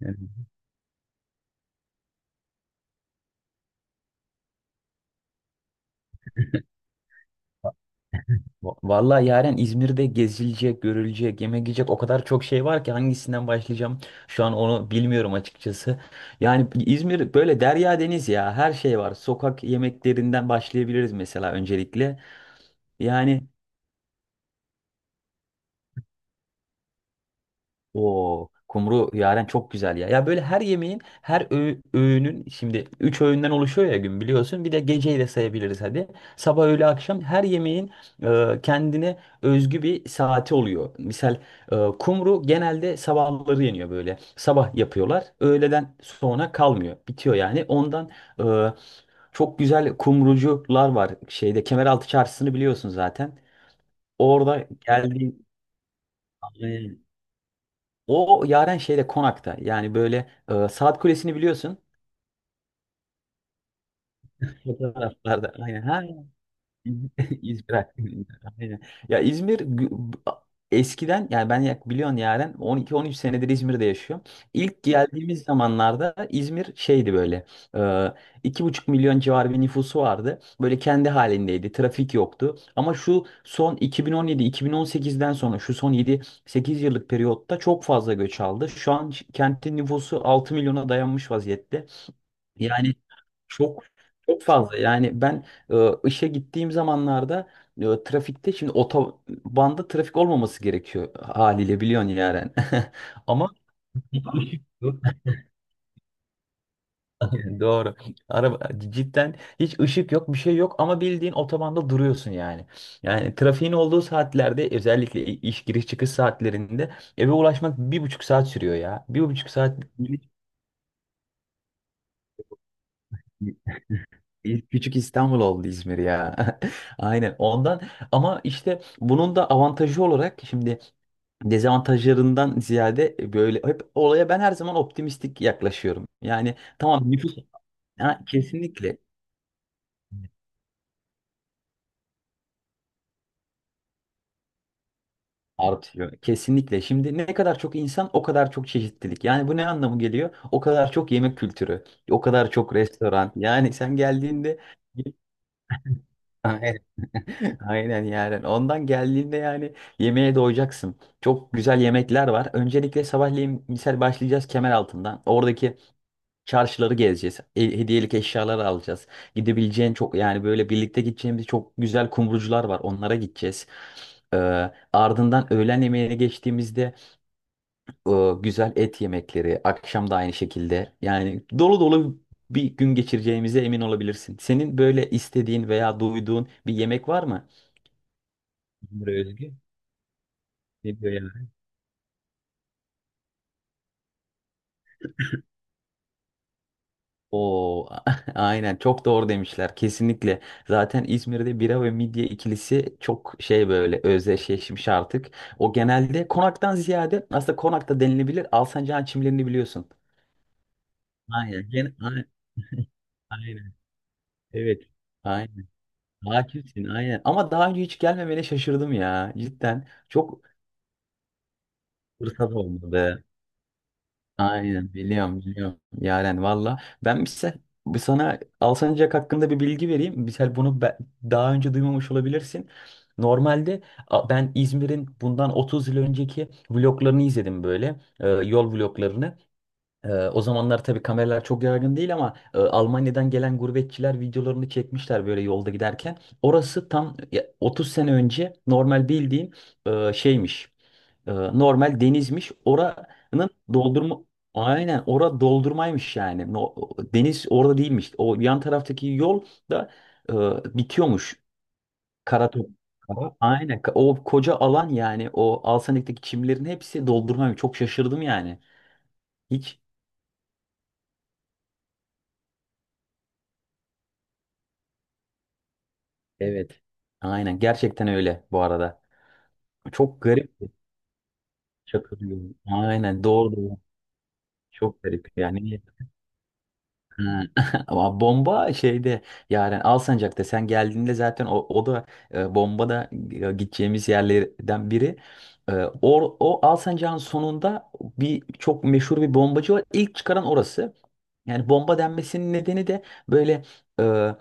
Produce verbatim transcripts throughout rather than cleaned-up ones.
Yani va- va- Vallahi yaren İzmir'de gezilecek, görülecek, yemek yiyecek o kadar çok şey var ki hangisinden başlayacağım şu an onu bilmiyorum açıkçası. Yani İzmir böyle derya deniz ya, her şey var. Sokak yemeklerinden başlayabiliriz mesela öncelikle. Yani o kumru yaren çok güzel ya. Ya böyle her yemeğin, her öğ- öğünün şimdi üç öğünden oluşuyor ya gün biliyorsun. Bir de geceyi de sayabiliriz hadi. Sabah, öğle, akşam her yemeğin e, kendine özgü bir saati oluyor. Misal e, kumru genelde sabahları yeniyor böyle. Sabah yapıyorlar. Öğleden sonra kalmıyor. Bitiyor yani. Ondan e, çok güzel kumrucular var. Şeyde Kemeraltı Çarşısı'nı biliyorsun zaten. Orada geldiğin o Yaren şeyde konakta. Yani böyle e, saat kulesini biliyorsun. Fotoğraf. Aynen. Ha, İzmir hakkında. Aynen. Ya İzmir gü- eskiden yani ben yak biliyorsun yani on iki on üç senedir İzmir'de yaşıyorum. İlk geldiğimiz zamanlarda İzmir şeydi böyle e, iki buçuk milyon civarı bir nüfusu vardı. Böyle kendi halindeydi. Trafik yoktu. Ama şu son iki bin on yedi iki bin on sekizden sonra şu son yedi sekiz yıllık periyotta çok fazla göç aldı. Şu an ş- kentin nüfusu altı milyona dayanmış vaziyette. Yani çok çok fazla. Yani ben e, işe gittiğim zamanlarda e, trafikte şimdi otobanda trafik olmaması gerekiyor haliyle biliyorsun yani. Ama ışık yok. Doğru. Araba cidden hiç ışık yok, bir şey yok ama bildiğin otobanda duruyorsun yani. Yani trafiğin olduğu saatlerde özellikle iş giriş çıkış saatlerinde eve ulaşmak bir buçuk saat sürüyor ya. Bir buçuk saat. İlk küçük İstanbul oldu İzmir ya. Aynen ondan ama işte bunun da avantajı olarak şimdi dezavantajlarından ziyade böyle hep olaya ben her zaman optimistik yaklaşıyorum. Yani tamam, nüfus ha, kesinlikle artıyor. Kesinlikle. Şimdi ne kadar çok insan, o kadar çok çeşitlilik. Yani bu ne anlamı geliyor? O kadar çok yemek kültürü, o kadar çok restoran. Yani sen geldiğinde aynen yani. Ondan geldiğinde yani yemeğe doyacaksın. Çok güzel yemekler var. Öncelikle sabahleyin misal başlayacağız Kemeraltı'ndan. Oradaki çarşıları gezeceğiz. E- hediyelik eşyalar alacağız. Gidebileceğin çok yani böyle birlikte gideceğimiz çok güzel kumrucular var. Onlara gideceğiz. Ee, Ardından öğlen yemeğine geçtiğimizde e, güzel et yemekleri. Akşam da aynı şekilde. Yani dolu dolu bir gün geçireceğimize emin olabilirsin. Senin böyle istediğin veya duyduğun bir yemek var mı? İzmir Özgü. Ne diyor ya? Oo, aynen çok doğru demişler kesinlikle. Zaten İzmir'de bira ve midye ikilisi çok şey böyle özdeşleşmiş artık. O genelde konaktan ziyade aslında konakta denilebilir, Alsancak'ın çimlerini biliyorsun. Aynen. Gene, aynen. Aynen. Evet. Aynen. Hakimsin aynen. Ama daha önce hiç gelmemene şaşırdım ya. Cidden çok fırsat olmadı. Aynen biliyorum biliyorum. Yaren valla. Ben ise bir sana Alsancak hakkında bir bilgi vereyim. Mesela bunu be- daha önce duymamış olabilirsin. Normalde a, ben İzmir'in bundan otuz yıl önceki vloglarını izledim böyle. e, Yol vloglarını. Ee, o zamanlar tabii kameralar çok yaygın değil, ama e, Almanya'dan gelen gurbetçiler videolarını çekmişler böyle yolda giderken. Orası tam ya, otuz sene önce normal bildiğin e, şeymiş. E, normal denizmiş. Oranın doldurma. Aynen, ora doldurmaymış yani. No- deniz orada değilmiş. O yan taraftaki yol da e, bitiyormuş. Karatok. Aynen. Ka- O koca alan yani, o Alsanik'teki çimlerin hepsi doldurmaymış. Çok şaşırdım yani. Hiç. Evet. Aynen. Gerçekten öyle bu arada. Çok garip. Şaka diyorum. Aynen. Doğru doğru. Çok garip yani. Ha, ama bomba şeyde yani Alsancak'ta sen geldiğinde zaten o, o da e, bomba da e, gideceğimiz yerlerden biri. E, o, o Alsancak'ın sonunda bir, çok meşhur bir bombacı var. İlk çıkaran orası. Yani bomba denmesinin nedeni de böyle e,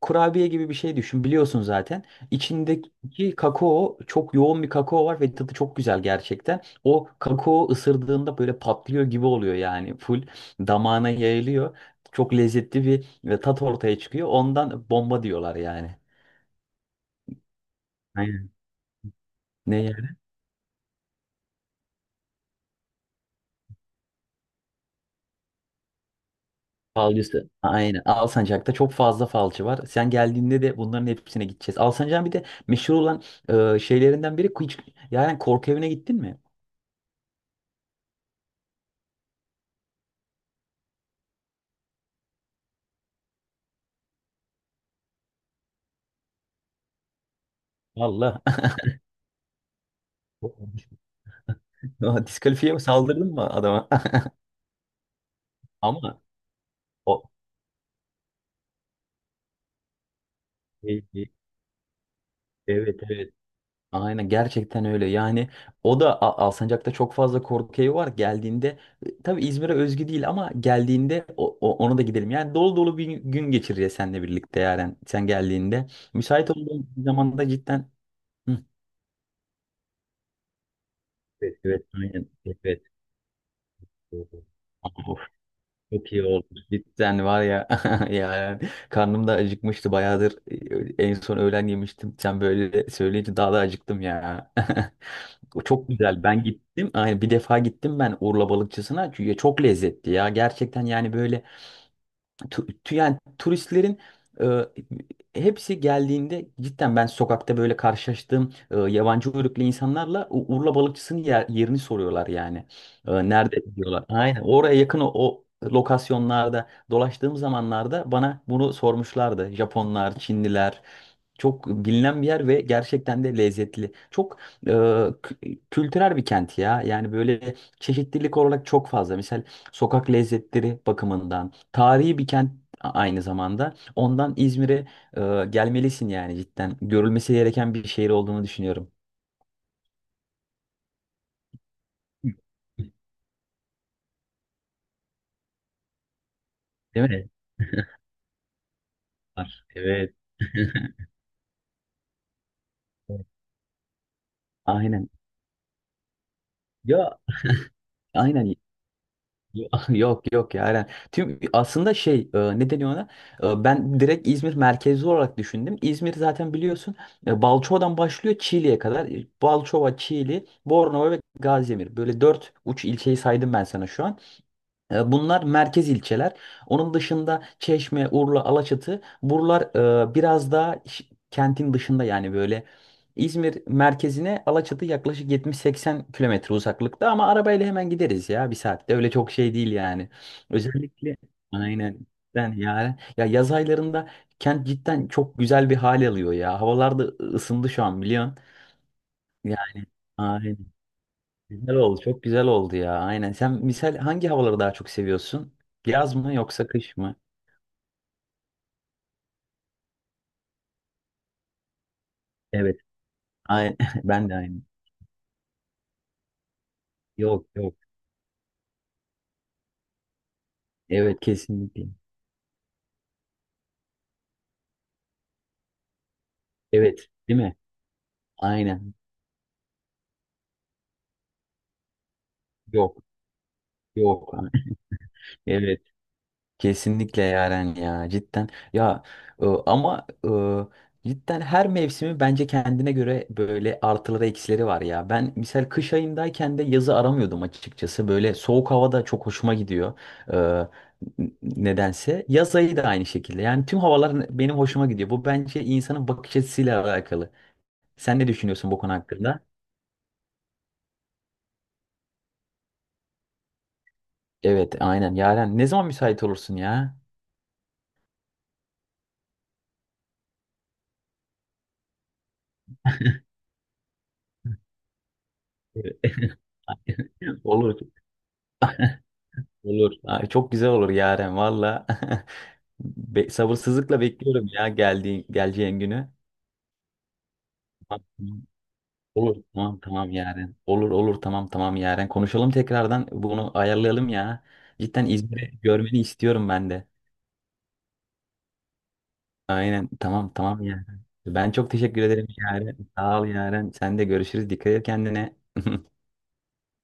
kurabiye gibi bir şey düşün, biliyorsun zaten. İçindeki kakao çok yoğun bir kakao var ve tadı çok güzel gerçekten. O kakao ısırdığında böyle patlıyor gibi oluyor yani full damağına yayılıyor. Çok lezzetli bir ve tat ortaya çıkıyor. Ondan bomba diyorlar yani. Aynen. Ne yani? Falcısı. Aynen. Alsancak'ta çok fazla falcı var. Sen geldiğinde de bunların hepsine gideceğiz. Alsancak'ın bir de meşhur olan e, şeylerinden biri hiç, yani korku evine gittin mi? Valla. Diskalifiye mi, saldırdın mı adama? Ama o e, e, evet evet. Aynen gerçekten öyle. Yani o da A- Alsancak'ta çok fazla korku evi var. Geldiğinde e, tabii İzmir'e özgü değil ama geldiğinde o, o- ona da gidelim. Yani dolu dolu bir gün geçireceğiz seninle birlikte yani sen geldiğinde. Müsait olduğun bir zamanda cidden. Hı. Evet, evet, aynen. Evet, evet. Of, çok iyi oldu. Cidden var ya, yani karnım da acıkmıştı bayağıdır. En son öğlen yemiştim. Sen böyle söyleyince daha da acıktım ya. O çok güzel. Ben gittim. Aynen, bir defa gittim ben Urla balıkçısına. Çünkü çok lezzetli ya. Gerçekten yani böyle tu, tu- yani turistlerin e, hepsi geldiğinde cidden ben sokakta böyle karşılaştığım e, yabancı uyruklu insanlarla U- Urla balıkçısının yer- yerini soruyorlar yani. E, nerede diyorlar. Aynen, oraya yakın o, o lokasyonlarda dolaştığım zamanlarda bana bunu sormuşlardı. Japonlar, Çinliler. Çok bilinen bir yer ve gerçekten de lezzetli. Çok e, kü- kültürel bir kent ya. Yani böyle çeşitlilik olarak çok fazla. Mesela sokak lezzetleri bakımından tarihi bir kent aynı zamanda. Ondan İzmir'e e, gelmelisin yani cidden. Görülmesi gereken bir şehir olduğunu düşünüyorum. Değil mi? Var. Evet. Aynen. Ya aynen. Yo- yok yok ya aynen. Tüm aslında şey e, ne deniyor ona? E, ben direkt İzmir merkezli olarak düşündüm. İzmir zaten biliyorsun e, Balçova'dan başlıyor Çiğli'ye kadar. E, Balçova, Çiğli, Bornova ve Gaziemir. Böyle dört uç ilçeyi saydım ben sana şu an. E, bunlar merkez ilçeler. Onun dışında Çeşme, Urla, Alaçatı, buralar e, biraz daha ş- kentin dışında yani böyle. İzmir merkezine Alaçatı yaklaşık yetmiş seksen kilometre uzaklıkta ama arabayla hemen gideriz ya, bir saatte, öyle çok şey değil yani. Özellikle aynen, ben yani ya yaz aylarında kent cidden çok güzel bir hal alıyor ya. Havalar da ısındı şu an biliyorsun. Yani aynen. Güzel oldu. Çok güzel oldu ya. Aynen. Sen misal hangi havaları daha çok seviyorsun? Yaz mı yoksa kış mı? Evet. Aynen. Ben de aynı. Yok yok. Evet, kesinlikle. Evet. Değil mi? Aynen. Yok. Yok. Evet. Kesinlikle Yaren ya cidden ya, e, ama e, cidden her mevsimi bence kendine göre böyle artıları eksileri var ya. Ben misal kış ayındayken de yazı aramıyordum açıkçası. Böyle soğuk havada çok hoşuma gidiyor. E, n- Nedense yaz ayı da aynı şekilde. Yani tüm havalar benim hoşuma gidiyor. Bu bence insanın bakış açısıyla alakalı. Sen ne düşünüyorsun bu konu hakkında? Evet aynen Yaren, ne zaman müsait olursun ya? Olur olur. Ay, çok güzel olur Yaren valla. Be- sabırsızlıkla bekliyorum ya geldiği geleceğin günü. Tamam, tamam. Olur, tamam tamam yarın. Olur olur, tamam tamam yarın. Konuşalım, tekrardan bunu ayarlayalım ya. Cidden İzmir'i görmeni istiyorum ben de. Aynen, tamam tamam yarın. Ben çok teşekkür ederim yarın. Sağ ol yarın. Sen de görüşürüz. Dikkat et kendine.